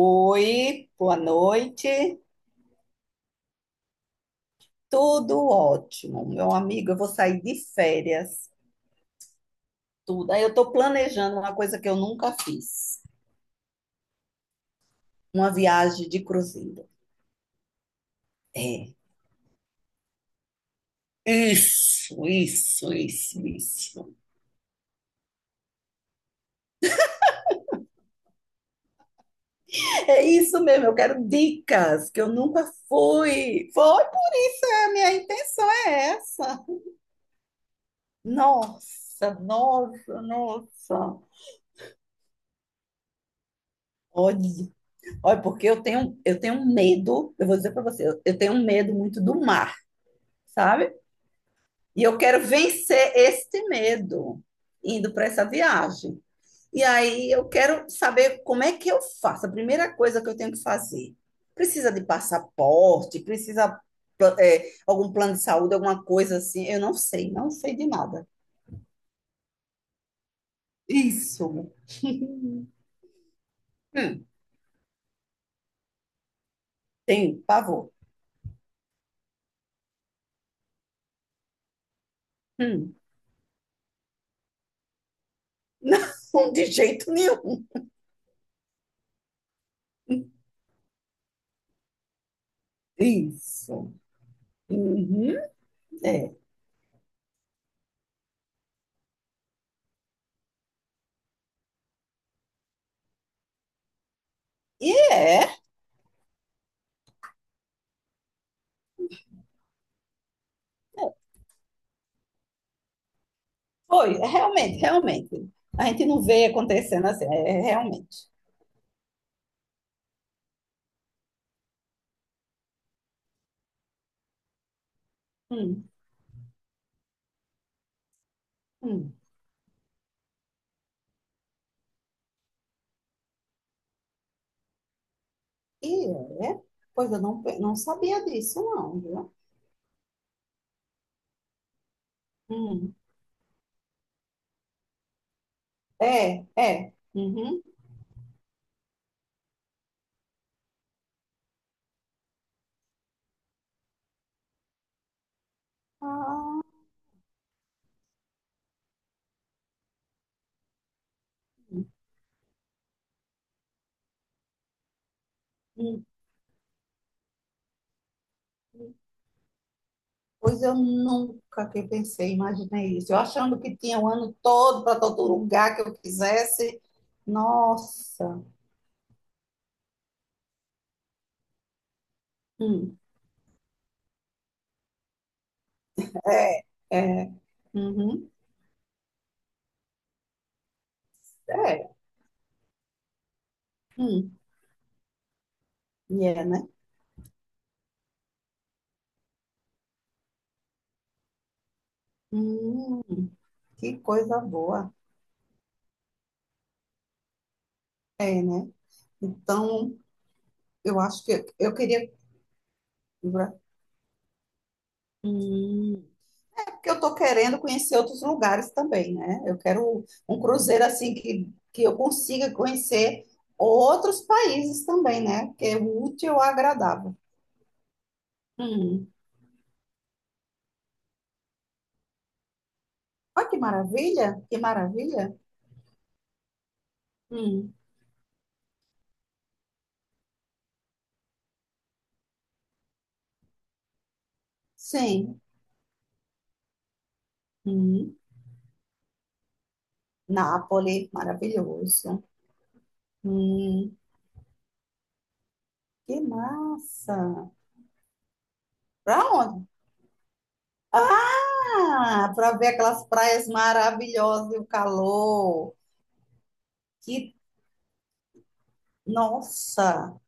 Oi, boa noite. Tudo ótimo, meu amigo. Eu vou sair de férias, tudo. Aí eu estou planejando uma coisa que eu nunca fiz, uma viagem de cruzeiro. É. Isso, isso, isso, isso. É isso mesmo, eu quero dicas, que eu nunca fui. Foi, a minha intenção é essa. Nossa, nossa, nossa. Olha, olha, porque eu tenho um medo, eu vou dizer para você, eu tenho um medo muito do mar. Sabe? E eu quero vencer este medo indo para essa viagem. E aí eu quero saber como é que eu faço. A primeira coisa que eu tenho que fazer. Precisa de passaporte, precisa algum plano de saúde, alguma coisa assim. Eu não sei, não sei de nada. Isso. Hum, tenho pavor. Hum. Não, de jeito nenhum. Isso. Uhum. É. E é, foi, realmente, realmente. A gente não vê acontecendo assim, realmente. Hum, hum. E é? Pois eu não, pe- não sabia disso, não, viu? Hum. É, é. Uhum. Ah, hum. Hum. Pois eu nunca que pensei, imaginei isso. Eu achando que tinha o ano todo para todo lugar que eu quisesse. Nossa. Hum. É, é. Uhum. É. Hum. E é, né? Hum. Que coisa boa. É, né? Então, eu acho que eu queria. Hum. Porque eu estou querendo conhecer outros lugares também, né? Eu quero um cruzeiro assim que eu consiga conhecer outros países também, né? Que é útil ou agradável. Hum. Olha que maravilha, que maravilha. Hum. Sim. Hum. Nápoles, maravilhoso. Hum. Que massa. Para onde? Ah, para ver aquelas praias maravilhosas e o calor. Que, nossa.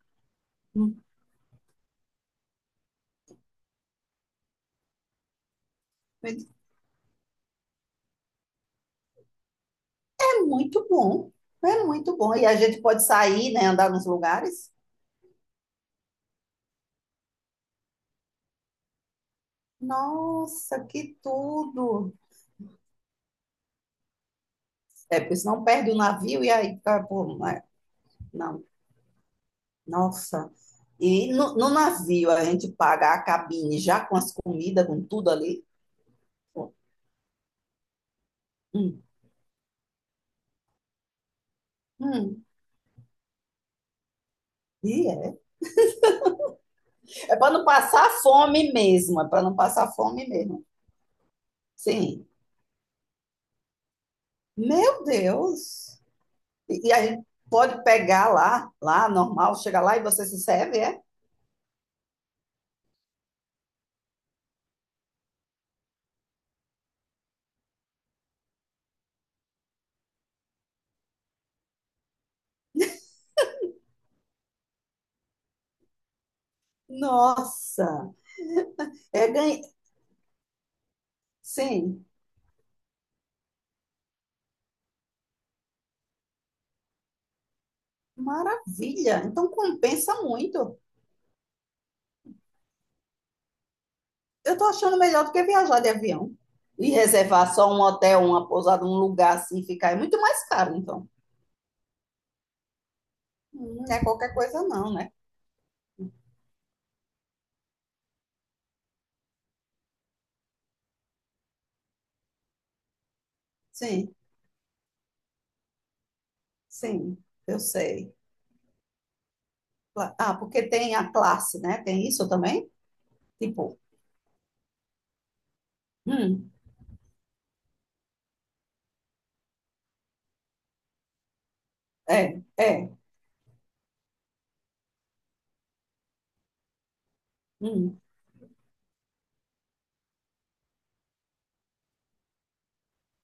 É muito bom, é muito bom. E a gente pode sair, né, andar nos lugares. Nossa, que tudo! É, porque senão perde o navio e aí acabou. Né? Não, nossa. E no navio a gente paga a cabine já com as comidas, com tudo ali. Pô, hum, hum. E é. É para não passar fome mesmo, é para não passar fome mesmo. Sim. Meu Deus! E a gente pode pegar lá normal, chega lá e você se serve, é? Nossa, é ganha... Sim, maravilha. Então compensa muito. Eu estou achando melhor do que viajar de avião e reservar só um hotel, uma pousada, um lugar assim, ficar. É muito mais caro, então. Não é qualquer coisa, não, né? Sim, sim, eu sei. Cla- Ah, porque tem a classe, né? Tem isso também? Tipo, hum, é, é, hum,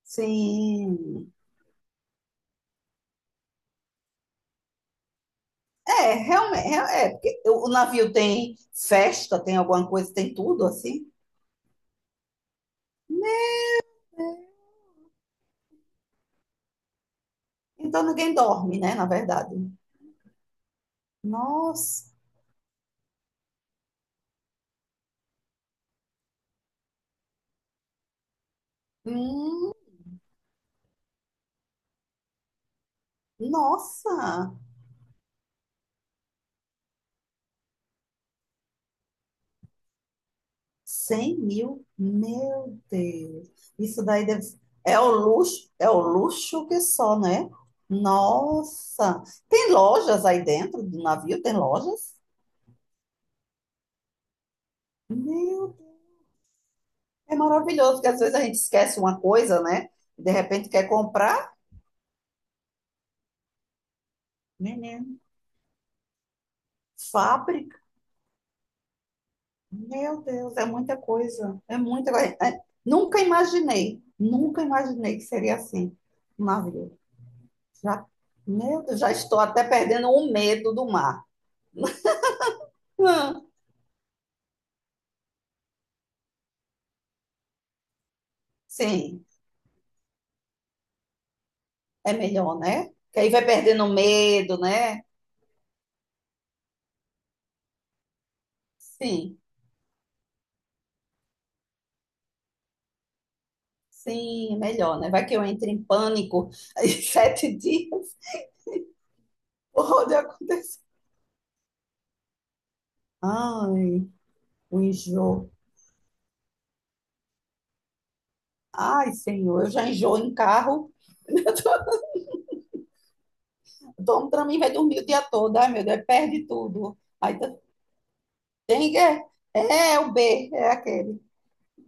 sim. É, realmente, é, é, porque o navio tem festa, tem alguma coisa, tem tudo assim. Né? Então ninguém dorme, né? Na verdade. Nossa. Hum, nossa. 100 mil. Meu Deus. Isso daí deve... É o luxo, é o luxo que só, né? Nossa. Tem lojas aí dentro do navio? Tem lojas? Meu Deus. É maravilhoso, porque às vezes a gente esquece uma coisa, né? De repente quer comprar. Menino. Meu Deus, é muita coisa. É muita coisa. É, nunca imaginei, nunca imaginei que seria assim um navio. Já, meu Deus, já estou até perdendo o medo do mar. Hum, sim, é melhor, né? Que aí vai perdendo o medo, né? Sim, sim, é melhor, né? Vai que eu entre em pânico em 7 dias. Pode acontecer. Ai, o enjoo. Ai, Senhor, eu já enjoo em carro. Dorme para mim, vai dormir o dia todo. Ai, meu Deus, perde tudo. Aí tá, tem que. É, é o B, é aquele.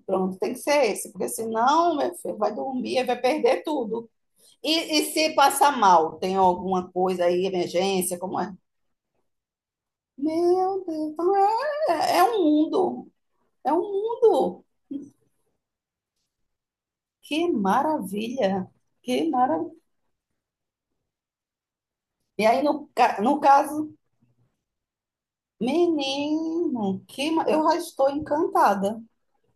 Pronto, tem que ser esse, porque senão, meu filho, vai dormir e vai perder tudo. E se passar mal, tem alguma coisa aí, emergência, como é? Meu Deus, então é, é um mundo, é um mundo. Que maravilha, que maravilha. E aí, no caso, menino, eu já estou encantada.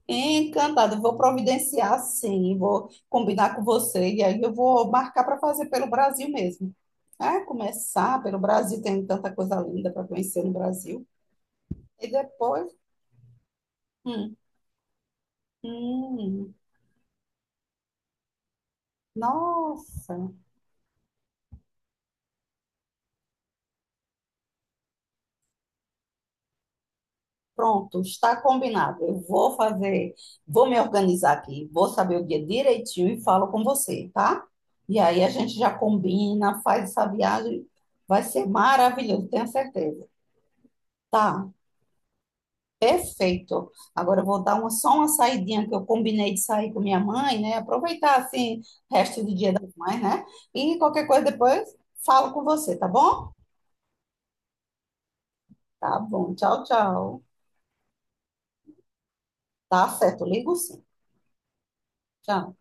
Encantada, vou providenciar sim, vou combinar com você e aí eu vou marcar para fazer pelo Brasil mesmo. Ah, começar pelo Brasil, tem tanta coisa linda para conhecer no Brasil. E depois, hum, hum, nossa, pronto, está combinado. Eu vou fazer, vou me organizar aqui, vou saber o dia direitinho e falo com você, tá? E aí a gente já combina, faz essa viagem, vai ser maravilhoso, tenho certeza. Tá. Perfeito. Agora eu vou dar uma, só uma saidinha que eu combinei de sair com minha mãe, né? Aproveitar assim o resto do dia das mães, né? E qualquer coisa depois falo com você, tá bom? Tá bom. Tchau, tchau. Tá certo, ligo sim. Tchau.